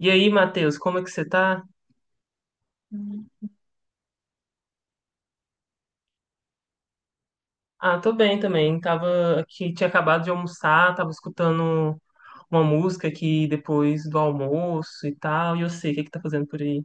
E aí, Matheus, como é que você tá? Ah, tô bem também. Tava aqui, tinha acabado de almoçar, tava escutando uma música aqui depois do almoço e tal. E eu sei o que que tá fazendo por aí.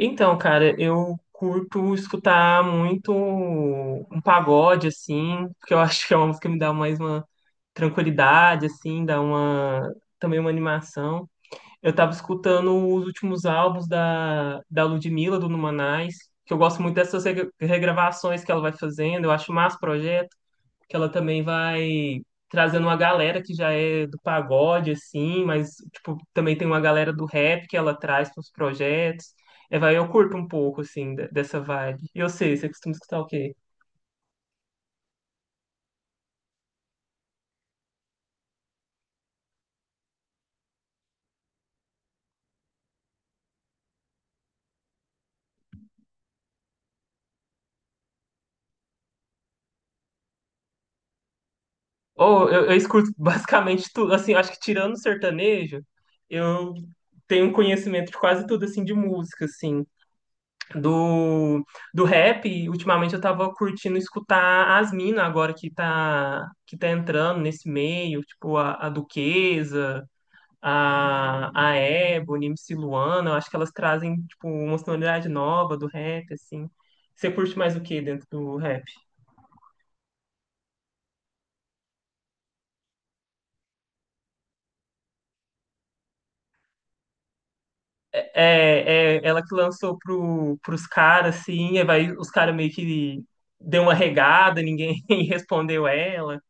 Então, cara, eu curto escutar muito um pagode assim, porque eu acho que é uma música que me dá mais uma tranquilidade assim, dá uma também uma animação. Eu tava escutando os últimos álbuns da Ludmilla, do Numanais, que eu gosto muito dessas regravações que ela vai fazendo, eu acho massa o projeto, que ela também vai trazendo uma galera que já é do pagode, assim, mas, tipo, também tem uma galera do rap que ela traz para os projetos. É, vai, eu curto um pouco, assim, dessa vibe. E eu sei, você costuma escutar o quê? Eu escuto basicamente tudo, assim, acho que tirando o sertanejo, eu tenho um conhecimento de quase tudo, assim, de música, assim, do, do rap. E ultimamente eu tava curtindo escutar as minas agora que tá entrando nesse meio, tipo a Duquesa, a Ebony, MC Luana. Eu acho que elas trazem tipo, uma sonoridade nova do rap, assim. Você curte mais o que dentro do rap? É, é ela que lançou pros caras, assim, aí vai, os caras meio que deu uma regada, ninguém respondeu ela.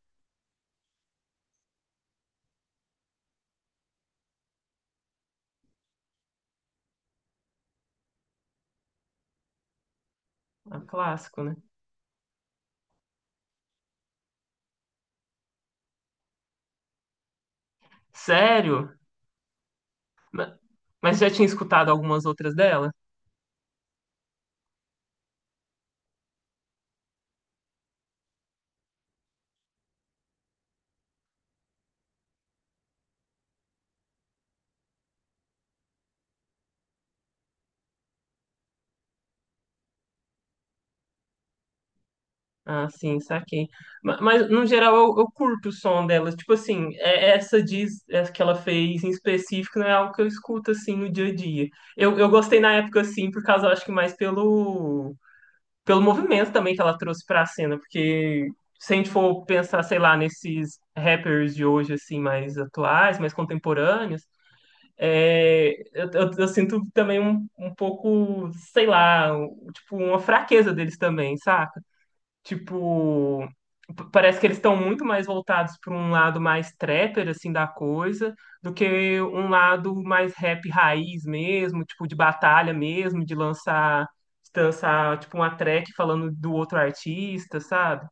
É um clássico, né? Sério? Ma- Mas já tinha escutado algumas outras dela? Ah, sim, saquei. Mas, no geral, eu curto o som delas. Tipo assim, essa diz, essa que ela fez em específico não é algo que eu escuto, assim, no dia a dia. Eu gostei na época, assim, por causa, eu acho que mais pelo, pelo movimento também que ela trouxe pra cena. Porque se a gente for pensar, sei lá, nesses rappers de hoje, assim, mais atuais, mais contemporâneos, é, eu sinto também um pouco, sei lá, tipo, uma fraqueza deles também, saca? Tipo, parece que eles estão muito mais voltados para um lado mais trapper, assim, da coisa, do que um lado mais rap raiz mesmo, tipo, de batalha mesmo, de lançar, tipo, uma track falando do outro artista, sabe?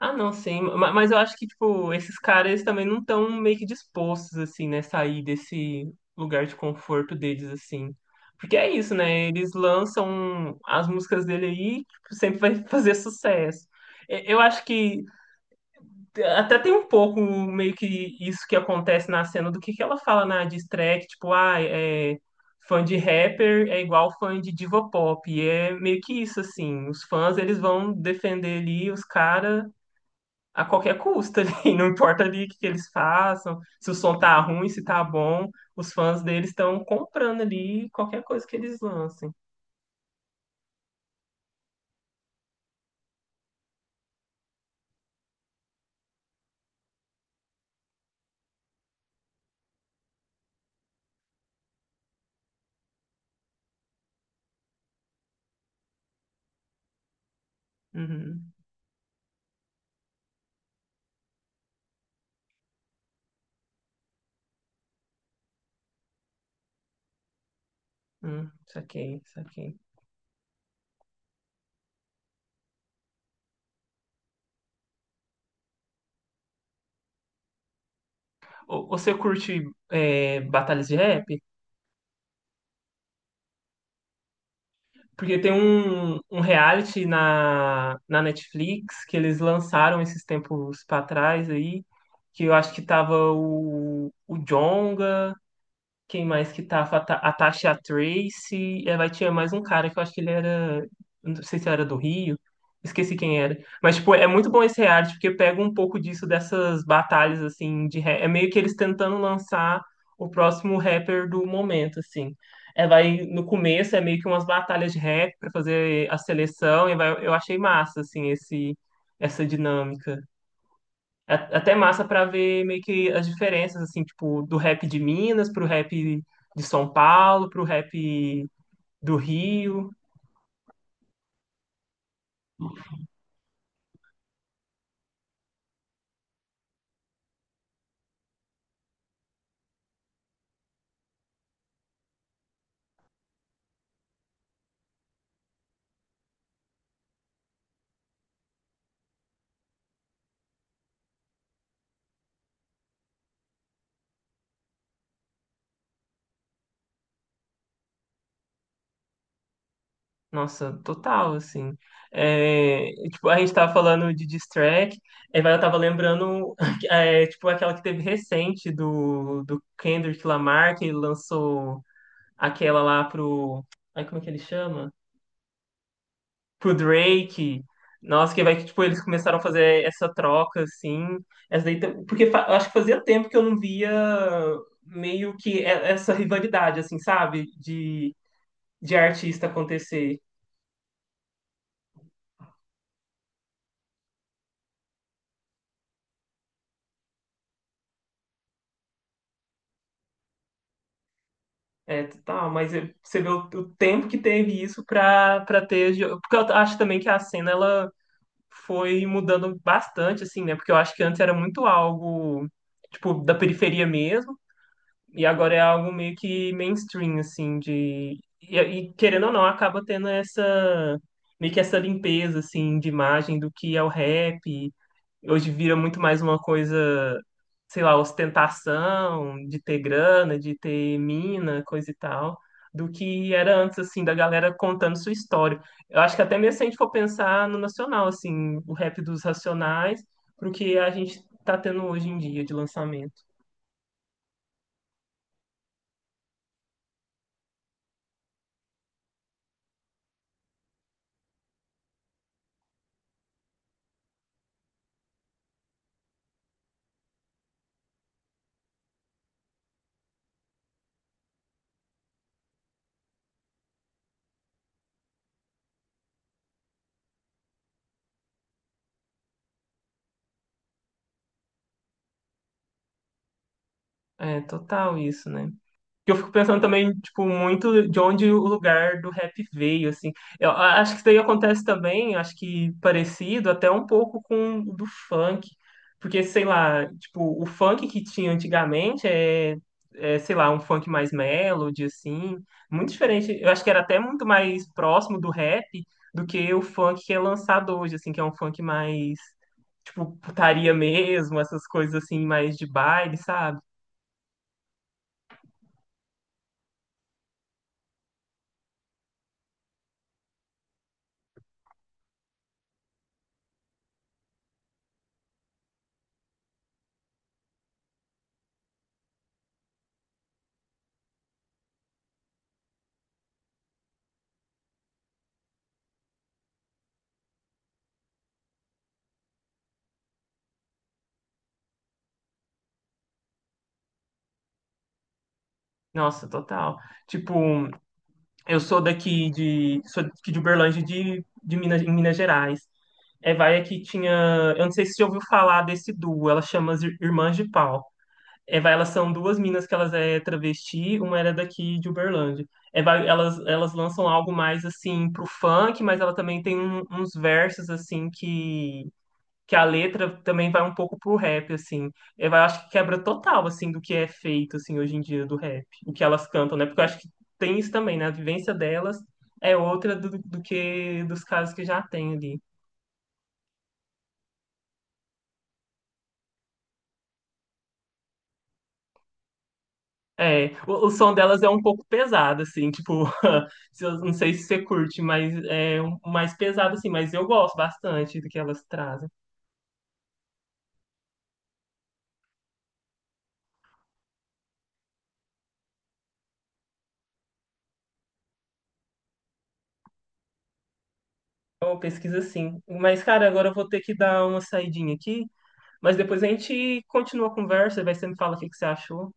Ah, não, sim. Mas eu acho que, tipo, esses caras eles também não estão meio que dispostos, assim, né? Sair desse lugar de conforto deles, assim. Porque é isso, né? Eles lançam as músicas dele aí, tipo, sempre vai fazer sucesso. Eu acho que até tem um pouco meio que isso que acontece na cena do que ela fala na diss track, tipo, ah, é. Fã de rapper é igual fã de diva pop. E é meio que isso, assim. Os fãs, eles vão defender ali os caras a qualquer custo ali, não importa ali o que que eles façam, se o som tá ruim, se tá bom, os fãs deles estão comprando ali qualquer coisa que eles lancem. Uhum, uhum, saquei, saquei. Ô, você curte é, batalhas de rap? Porque tem um reality na Netflix que eles lançaram esses tempos pra trás aí, que eu acho que tava o Djonga, quem mais que tava? A a Tasha Tracie. É, vai tinha mais um cara que eu acho que ele era. Não sei se era do Rio. Esqueci quem era. Mas, tipo, é muito bom esse reality, porque pega um pouco disso dessas batalhas, assim, de rap. É meio que eles tentando lançar o próximo rapper do momento, assim. É, vai, no começo é meio que umas batalhas de rap pra fazer a seleção, e vai, eu achei massa, assim, essa dinâmica. É até massa pra ver meio que as diferenças, assim, tipo, do rap de Minas pro rap de São Paulo, pro rap do Rio. Nossa, total, assim. É, e, tipo, a gente tava falando de diss track, eu tava lembrando, é, tipo, aquela que teve recente do Kendrick Lamar, que lançou aquela lá pro... Ai, como é que ele chama? Pro Drake. Nossa, que vai que tipo, eles começaram a fazer essa troca, assim. Essa daí, porque acho que fazia tempo que eu não via meio que essa rivalidade, assim, sabe? De artista acontecer. É, tá, mas você vê o tempo que teve isso pra ter. Porque eu acho também que a cena ela foi mudando bastante, assim, né? Porque eu acho que antes era muito algo, tipo, da periferia mesmo. E agora é algo meio que mainstream, assim, de. E, querendo ou não, acaba tendo essa. Meio que essa limpeza, assim, de imagem do que é o rap. Hoje vira muito mais uma coisa, sei lá, ostentação, de ter grana, de ter mina, coisa e tal, do que era antes, assim, da galera contando sua história. Eu acho que até mesmo se a gente for pensar no nacional, assim, o rap dos Racionais, pro que a gente tá tendo hoje em dia de lançamento. É total isso, né? Que eu fico pensando também, tipo, muito de onde o lugar do rap veio, assim. Eu acho que isso daí acontece também, acho que parecido até um pouco com o do funk. Porque, sei lá, tipo, o funk que tinha antigamente é, sei lá, um funk mais melody, assim. Muito diferente. Eu acho que era até muito mais próximo do rap do que o funk que é lançado hoje, assim, que é um funk mais, tipo, putaria mesmo, essas coisas assim, mais de baile, sabe? Nossa, total. Tipo. Eu sou daqui de Uberlândia, de Minas, em Minas Gerais. Evaia que tinha, eu não sei se você ouviu falar desse duo, ela chama as Irmãs de Pau. Evaia, elas são duas minas que elas é travesti, uma era daqui de Uberlândia. Evaia, elas lançam algo mais assim pro funk, mas ela também tem uns versos assim que a letra também vai um pouco pro rap, assim. Eu acho que quebra total, assim, do que é feito, assim, hoje em dia do rap. O que elas cantam, né? Porque eu acho que tem isso também, né? A vivência delas é outra do que dos casos que já tem ali. É, o som delas é um pouco pesado, assim, tipo, se eu- não sei se você curte, mas mais pesado, assim, mas eu gosto bastante do que elas trazem. É uma pesquisa, sim. Mas, cara, agora eu vou ter que dar uma saidinha aqui, mas depois a gente continua a conversa, vai você me fala o que que você achou.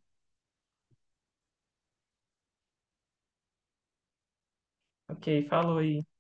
Ok, falou aí.